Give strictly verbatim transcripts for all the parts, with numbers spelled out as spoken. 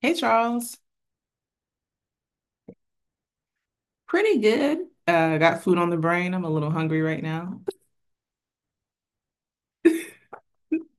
Hey Charles, pretty good. Uh, got food on the brain. I'm a little hungry right now.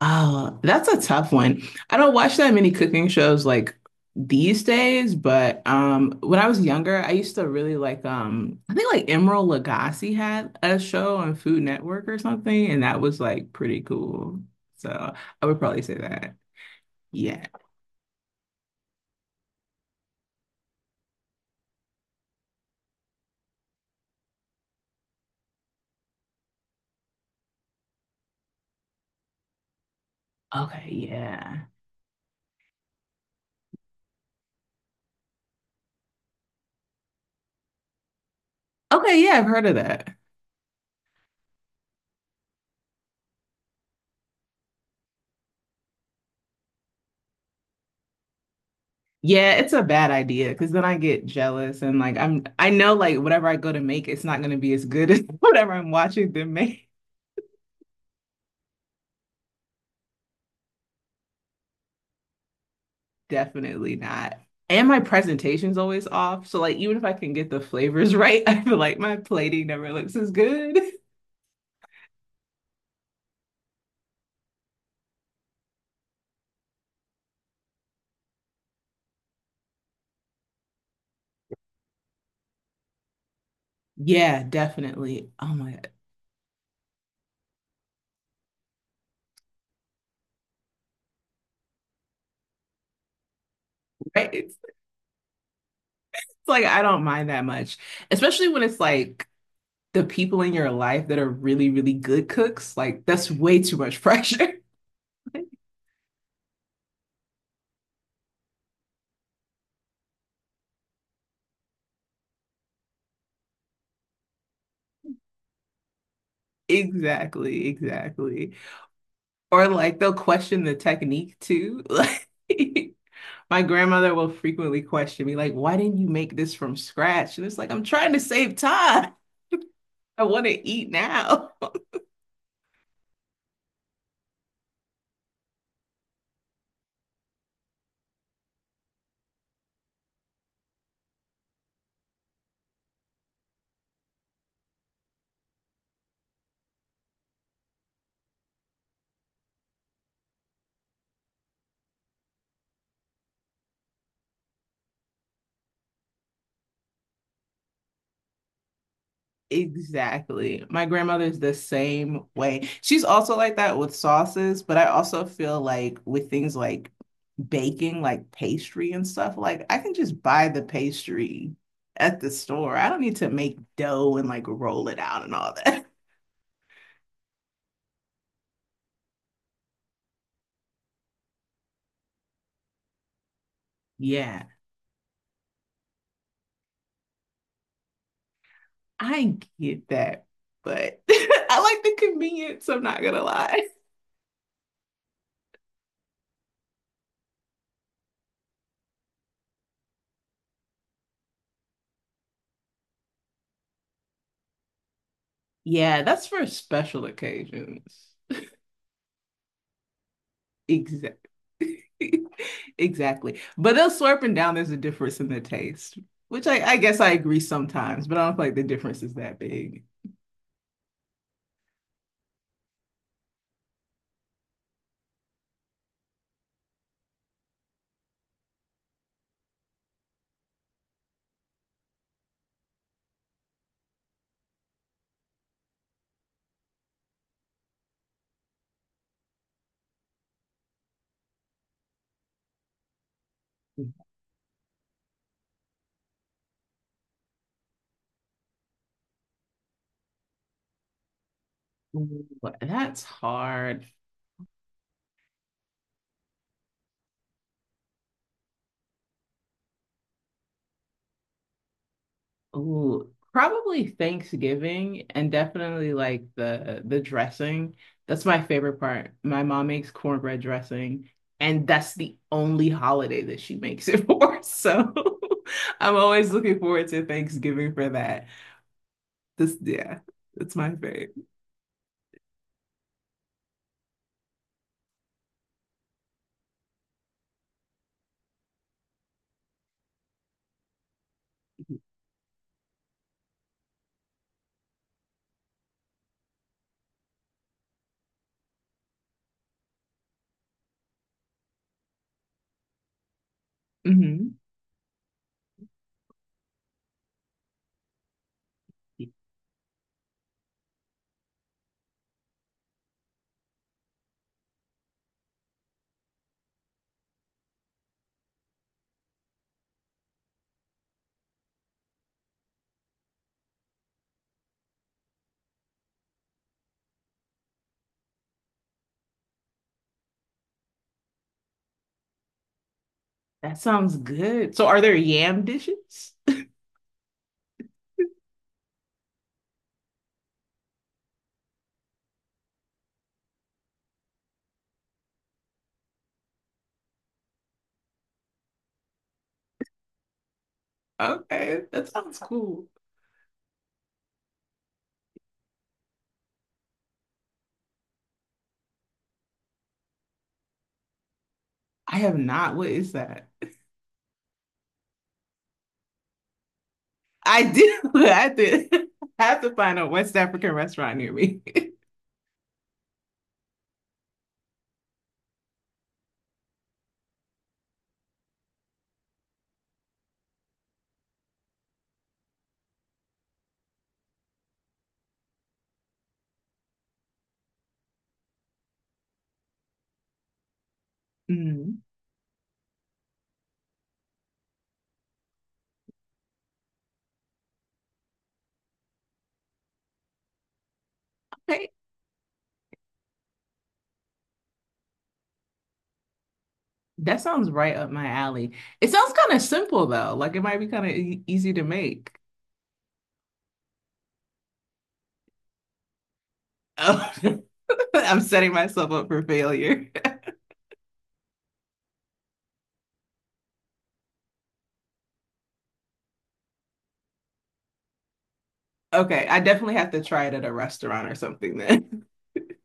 Oh, that's a tough one. I don't watch that many cooking shows like these days, but um, when I was younger, I used to really like um, I think like Emeril Lagasse had a show on Food Network or something, and that was like pretty cool. So I would probably say that. Yeah. Okay. Yeah. Okay. Yeah, I've heard of that. Yeah, it's a bad idea because then I get jealous and like I'm I know like whatever I go to make, it's not going to be as good as whatever I'm watching them make. Definitely not. And my presentation's always off. So like even if I can get the flavors right, I feel like my plating never looks as good. Yeah, definitely. Oh my God. Right. It's, it's like I don't mind that much, especially when it's like the people in your life that are really, really good cooks. Like that's way too much pressure. Exactly, exactly. Or like they'll question the technique too. Like my grandmother will frequently question me, like, why didn't you make this from scratch? And it's like, I'm trying to save time. I want to eat now. Exactly. My grandmother's the same way. She's also like that with sauces, but I also feel like with things like baking, like pastry and stuff, like I can just buy the pastry at the store. I don't need to make dough and like roll it out and all that. Yeah, I get that, but I like the convenience, I'm not gonna lie. Yeah, that's for special occasions. Exactly. Exactly. But they us slurping down, there's a difference in the taste, which I, I guess I agree sometimes, but I don't feel like the difference is that big. Ooh, that's hard. Ooh, probably Thanksgiving and definitely like the the dressing. That's my favorite part. My mom makes cornbread dressing, and that's the only holiday that she makes it for. So I'm always looking forward to Thanksgiving for that. This, yeah, that's my favorite. Hmm. That sounds good. So are there yam dishes? Okay, that sounds cool. I have not. What is that? I do. I did. I have to find a West African restaurant near me. Mm, okay, that sounds right up my alley. It sounds kind of simple though. Like it might be kind of e easy to make. Oh. I'm setting myself up for failure. Okay, I definitely have to try it at a restaurant or something then.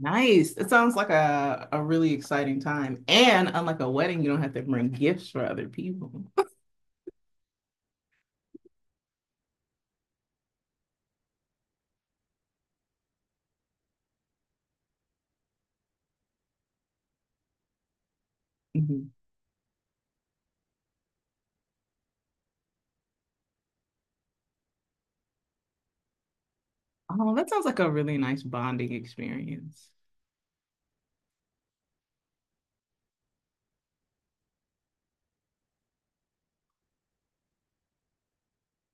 Nice. It sounds like a, a really exciting time. And unlike a wedding, you don't have to bring gifts for other people. Mhm. Oh, that sounds like a really nice bonding experience.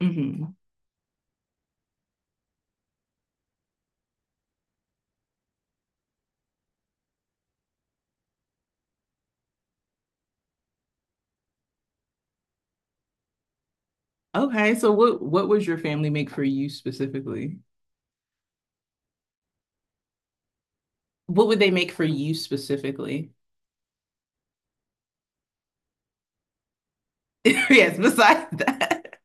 Hmm. Okay, so what what was your family make for you specifically? What would they make for you specifically? Yes, besides that.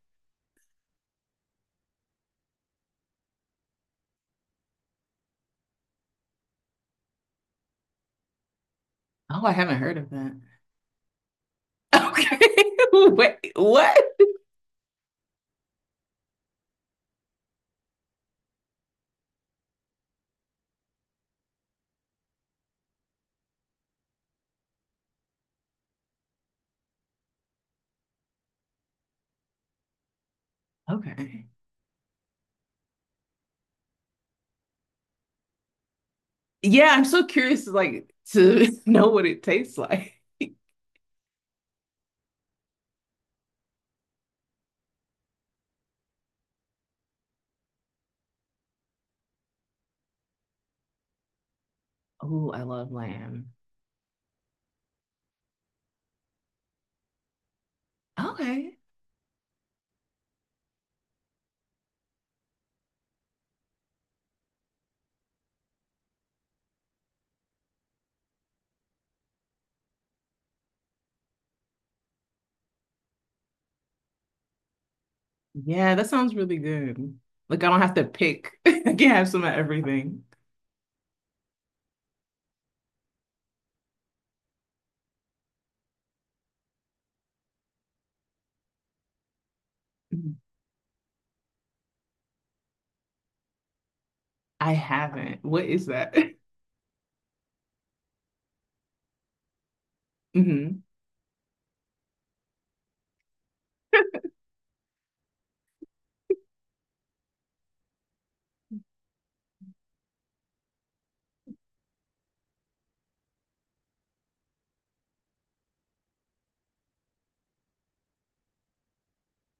Oh, I haven't heard of that. Okay. Wait, what? Okay. Yeah, I'm so curious like to know what it tastes like. Oh, I love lamb. Okay. Yeah, that sounds really good. Like I don't have to pick. I can have some of everything. Mhm. I haven't. What is that? Hmm.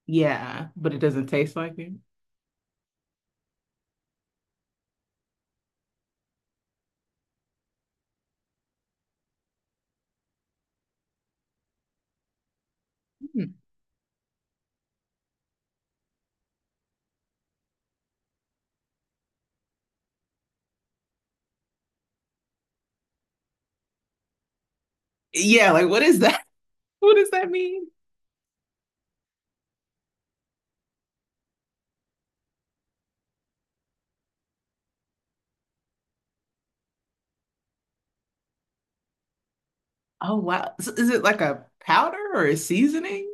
Yeah, but it doesn't taste like it. Mhm. Yeah, like what is that? What does that mean? Oh wow. So is it like a powder or a seasoning?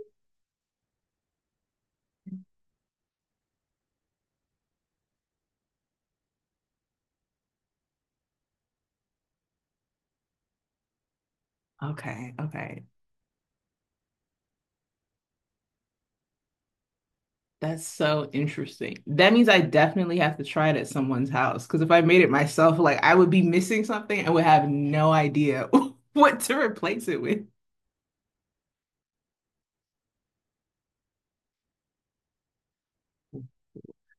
Okay, okay. That's so interesting. That means I definitely have to try it at someone's house because if I made it myself, like I would be missing something and would have no idea what to replace it with.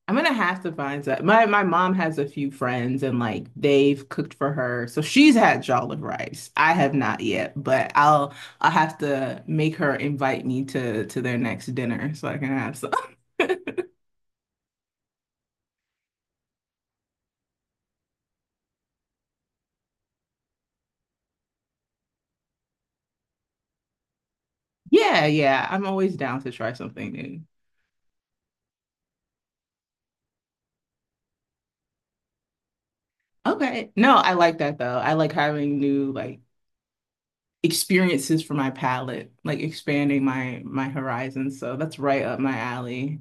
I'm gonna have to find that. My my mom has a few friends and like they've cooked for her. So she's had jollof rice. I have not yet, but I'll I'll have to make her invite me to to their next dinner so I can have yeah, yeah. I'm always down to try something new. Okay. No, I like that though. I like having new like experiences for my palette, like expanding my my horizons. So that's right up my alley.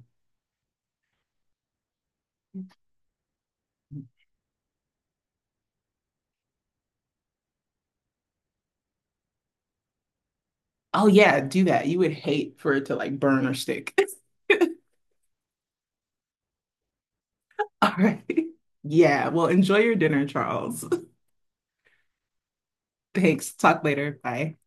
Oh yeah, do that. You would hate for it to like burn or stick. All right. Yeah. Well, enjoy your dinner, Charles. Thanks. Talk later. Bye.